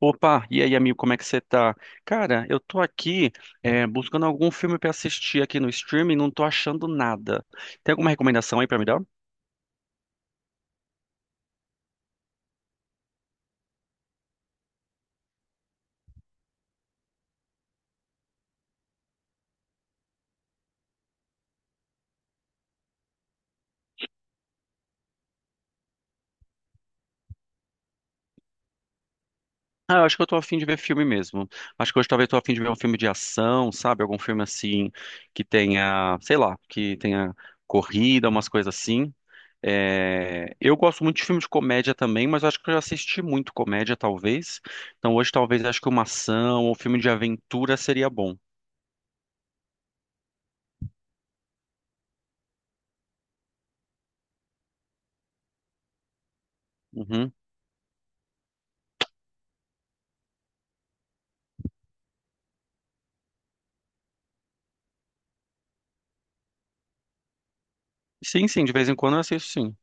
Opa, e aí, amigo, como é que você tá? Cara, eu tô aqui buscando algum filme pra assistir aqui no streaming, não tô achando nada. Tem alguma recomendação aí pra me dar? Ah, eu acho que eu tô afim de ver filme mesmo. Acho que hoje talvez tô afim de ver um filme de ação, sabe? Algum filme assim que tenha, sei lá, que tenha corrida, umas coisas assim. É, eu gosto muito de filme de comédia também, mas eu acho que eu já assisti muito comédia, talvez. Então hoje talvez acho que uma ação ou filme de aventura seria bom. Uhum. Sim, sim, de vez em quando eu assisto, sim.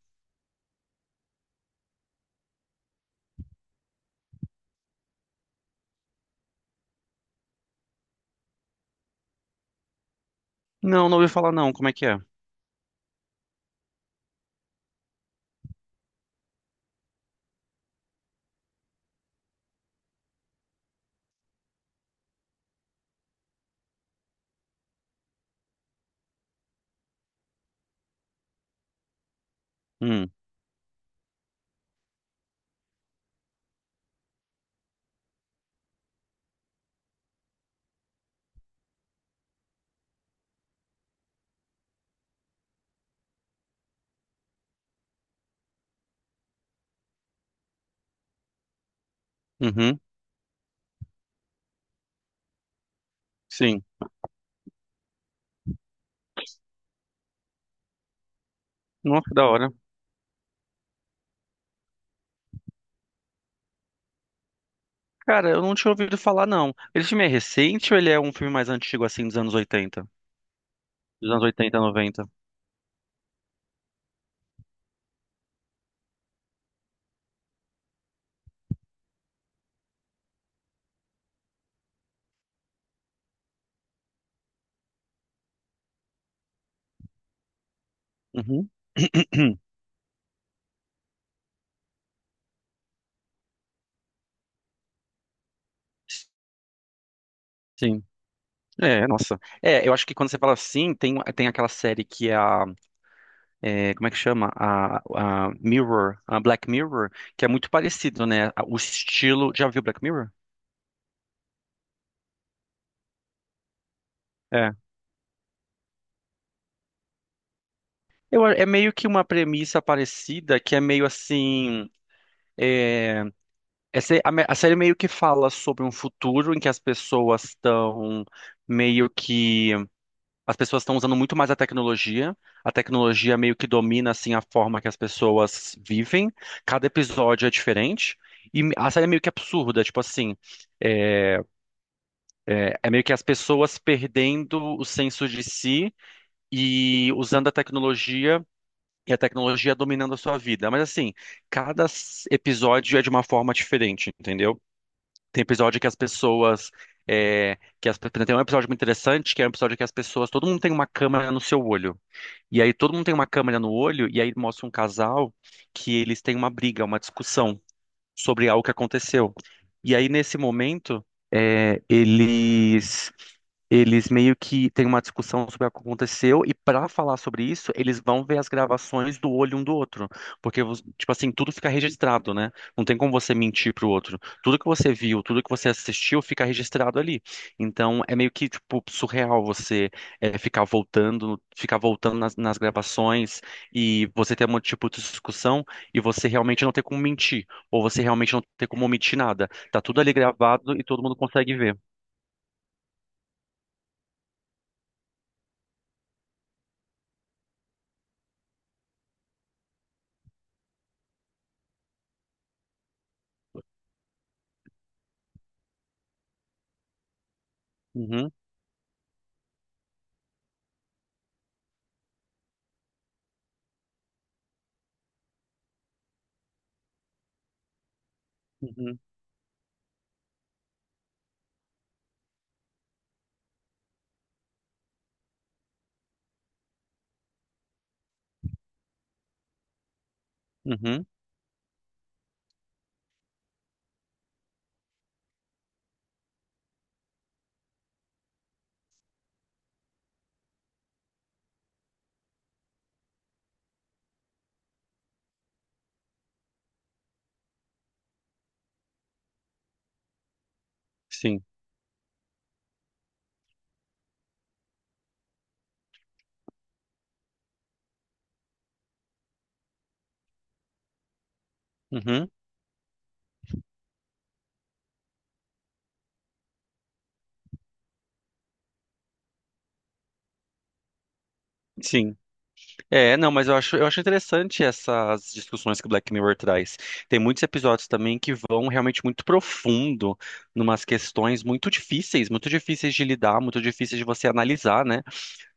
Não, não ouvi falar não, como é que é? Hum, uhum, sim. Nossa, que da hora. Cara, eu não tinha ouvido falar não. Esse filme é recente ou ele é um filme mais antigo, assim, dos anos 80? Dos anos oitenta, 90? Uhum. Sim. É, nossa. É, eu acho que quando você fala assim, tem aquela série que é a. É, como é que chama? A Black Mirror, que é muito parecido, né? O estilo. Já viu Black Mirror? É. É meio que uma premissa parecida, que é meio assim. A série meio que fala sobre um futuro em que as pessoas estão meio que. As pessoas estão usando muito mais a tecnologia. A tecnologia meio que domina assim a forma que as pessoas vivem. Cada episódio é diferente. E a série é meio que absurda, tipo assim, é, meio que as pessoas perdendo o senso de si e usando a tecnologia e a tecnologia dominando a sua vida. Mas assim, cada episódio é de uma forma diferente, entendeu? Tem episódio que as pessoas Tem um episódio muito interessante, que é um episódio que todo mundo tem uma câmera no seu olho. E aí todo mundo tem uma câmera no olho e aí mostra um casal que eles têm uma briga, uma discussão sobre algo que aconteceu. E aí nesse momento, é, eles eles meio que têm uma discussão sobre o que aconteceu, e para falar sobre isso, eles vão ver as gravações do olho um do outro. Porque tipo assim, tudo fica registrado, né? Não tem como você mentir pro outro. Tudo que você viu, tudo que você assistiu, fica registrado ali. Então, é meio que, tipo, surreal você ficar voltando nas gravações e você ter um tipo de discussão e você realmente não ter como mentir. Ou você realmente não ter como omitir nada. Tá tudo ali gravado e todo mundo consegue ver. Uhum, uhum, uhum. Sim. Uhum, sim. É, não, mas eu acho, interessante essas discussões que o Black Mirror traz. Tem muitos episódios também que vão realmente muito profundo, numas questões muito difíceis de lidar, muito difíceis de você analisar, né?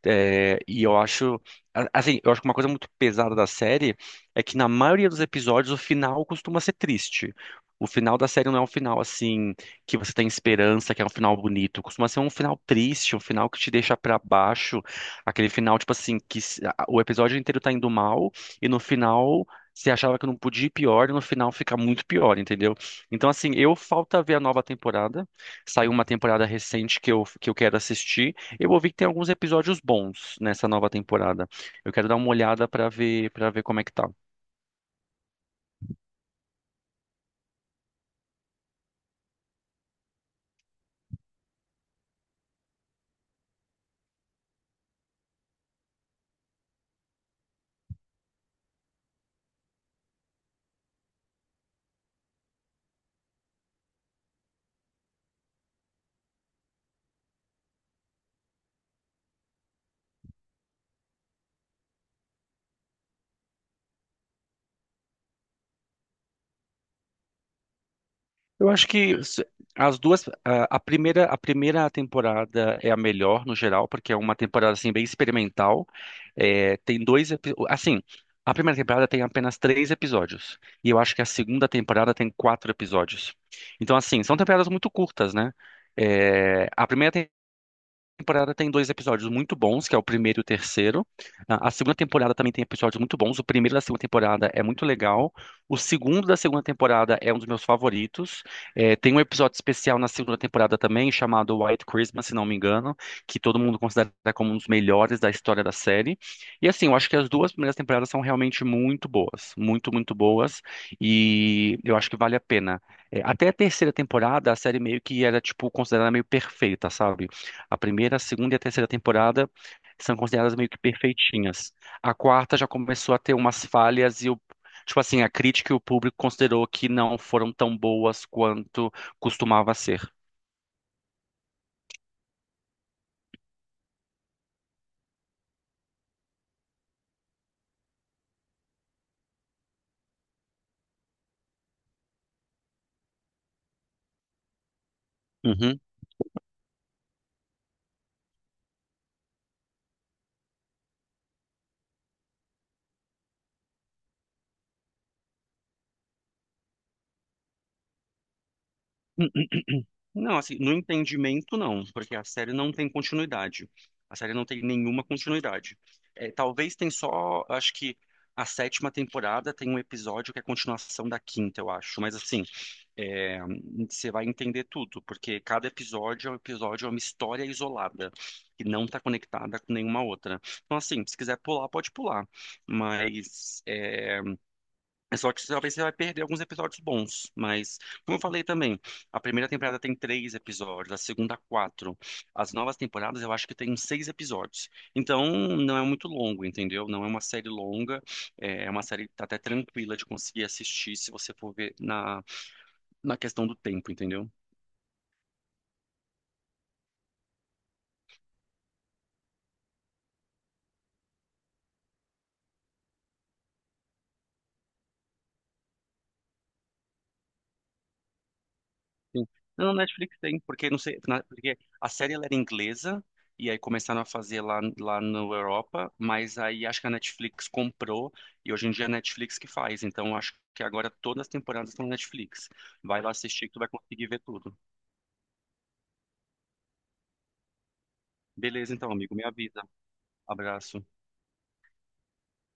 É, e assim, eu acho que uma coisa muito pesada da série é que na maioria dos episódios o final costuma ser triste. O final da série não é um final assim que você tem esperança, que é um final bonito. Costuma ser um final triste, um final que te deixa pra baixo, aquele final tipo assim que o episódio inteiro tá indo mal e no final você achava que não podia ir pior e no final fica muito pior, entendeu? Então, assim, eu falta ver a nova temporada. Saiu uma temporada recente que eu quero assistir. Eu ouvi que tem alguns episódios bons nessa nova temporada. Eu quero dar uma olhada pra ver para ver como é que tá. Eu acho que s- as duas, a primeira temporada é a melhor no geral, porque é uma temporada assim bem experimental. É, tem dois, epi- assim, a primeira temporada tem apenas três episódios e eu acho que a segunda temporada tem quatro episódios. Então assim, são temporadas muito curtas, né? É, a primeira temporada tem dois episódios muito bons, que é o primeiro e o terceiro. A segunda temporada também tem episódios muito bons. O primeiro da segunda temporada é muito legal. O segundo da segunda temporada é um dos meus favoritos. É, tem um episódio especial na segunda temporada também, chamado White Christmas, se não me engano, que todo mundo considera como um dos melhores da história da série. E assim, eu acho que as duas primeiras temporadas são realmente muito boas, muito, muito boas. E eu acho que vale a pena. É, até a terceira temporada, a série meio que era, tipo, considerada meio perfeita, sabe? A primeira, a segunda e a terceira temporada são consideradas meio que perfeitinhas. A quarta já começou a ter umas falhas tipo assim, a crítica e o público considerou que não foram tão boas quanto costumava ser. Uhum. N- n- Não, assim, no entendimento não, porque a série não tem continuidade. A série não tem nenhuma continuidade. É, talvez tem só, acho que a sétima temporada tem um episódio que é a continuação da quinta, eu acho. Mas assim, é, você vai entender tudo, porque cada episódio é um episódio, é uma história isolada, que não está conectada com nenhuma outra. Então, assim, se quiser pular, pode pular. Mas é só que talvez você vai perder alguns episódios bons. Mas, como eu falei também, a primeira temporada tem três episódios, a segunda, quatro. As novas temporadas eu acho que tem seis episódios. Então, não é muito longo, entendeu? Não é uma série longa, é uma série tá até tranquila de conseguir assistir se você for ver na questão do tempo, entendeu? Sim. Não, no Netflix tem, porque não sei, porque a série ela era inglesa e aí começaram a fazer lá na Europa, mas aí acho que a Netflix comprou e hoje em dia é a Netflix que faz, então acho que agora todas as temporadas estão na Netflix. Vai lá assistir que tu vai conseguir ver tudo. Beleza, então, amigo, me avisa. Abraço.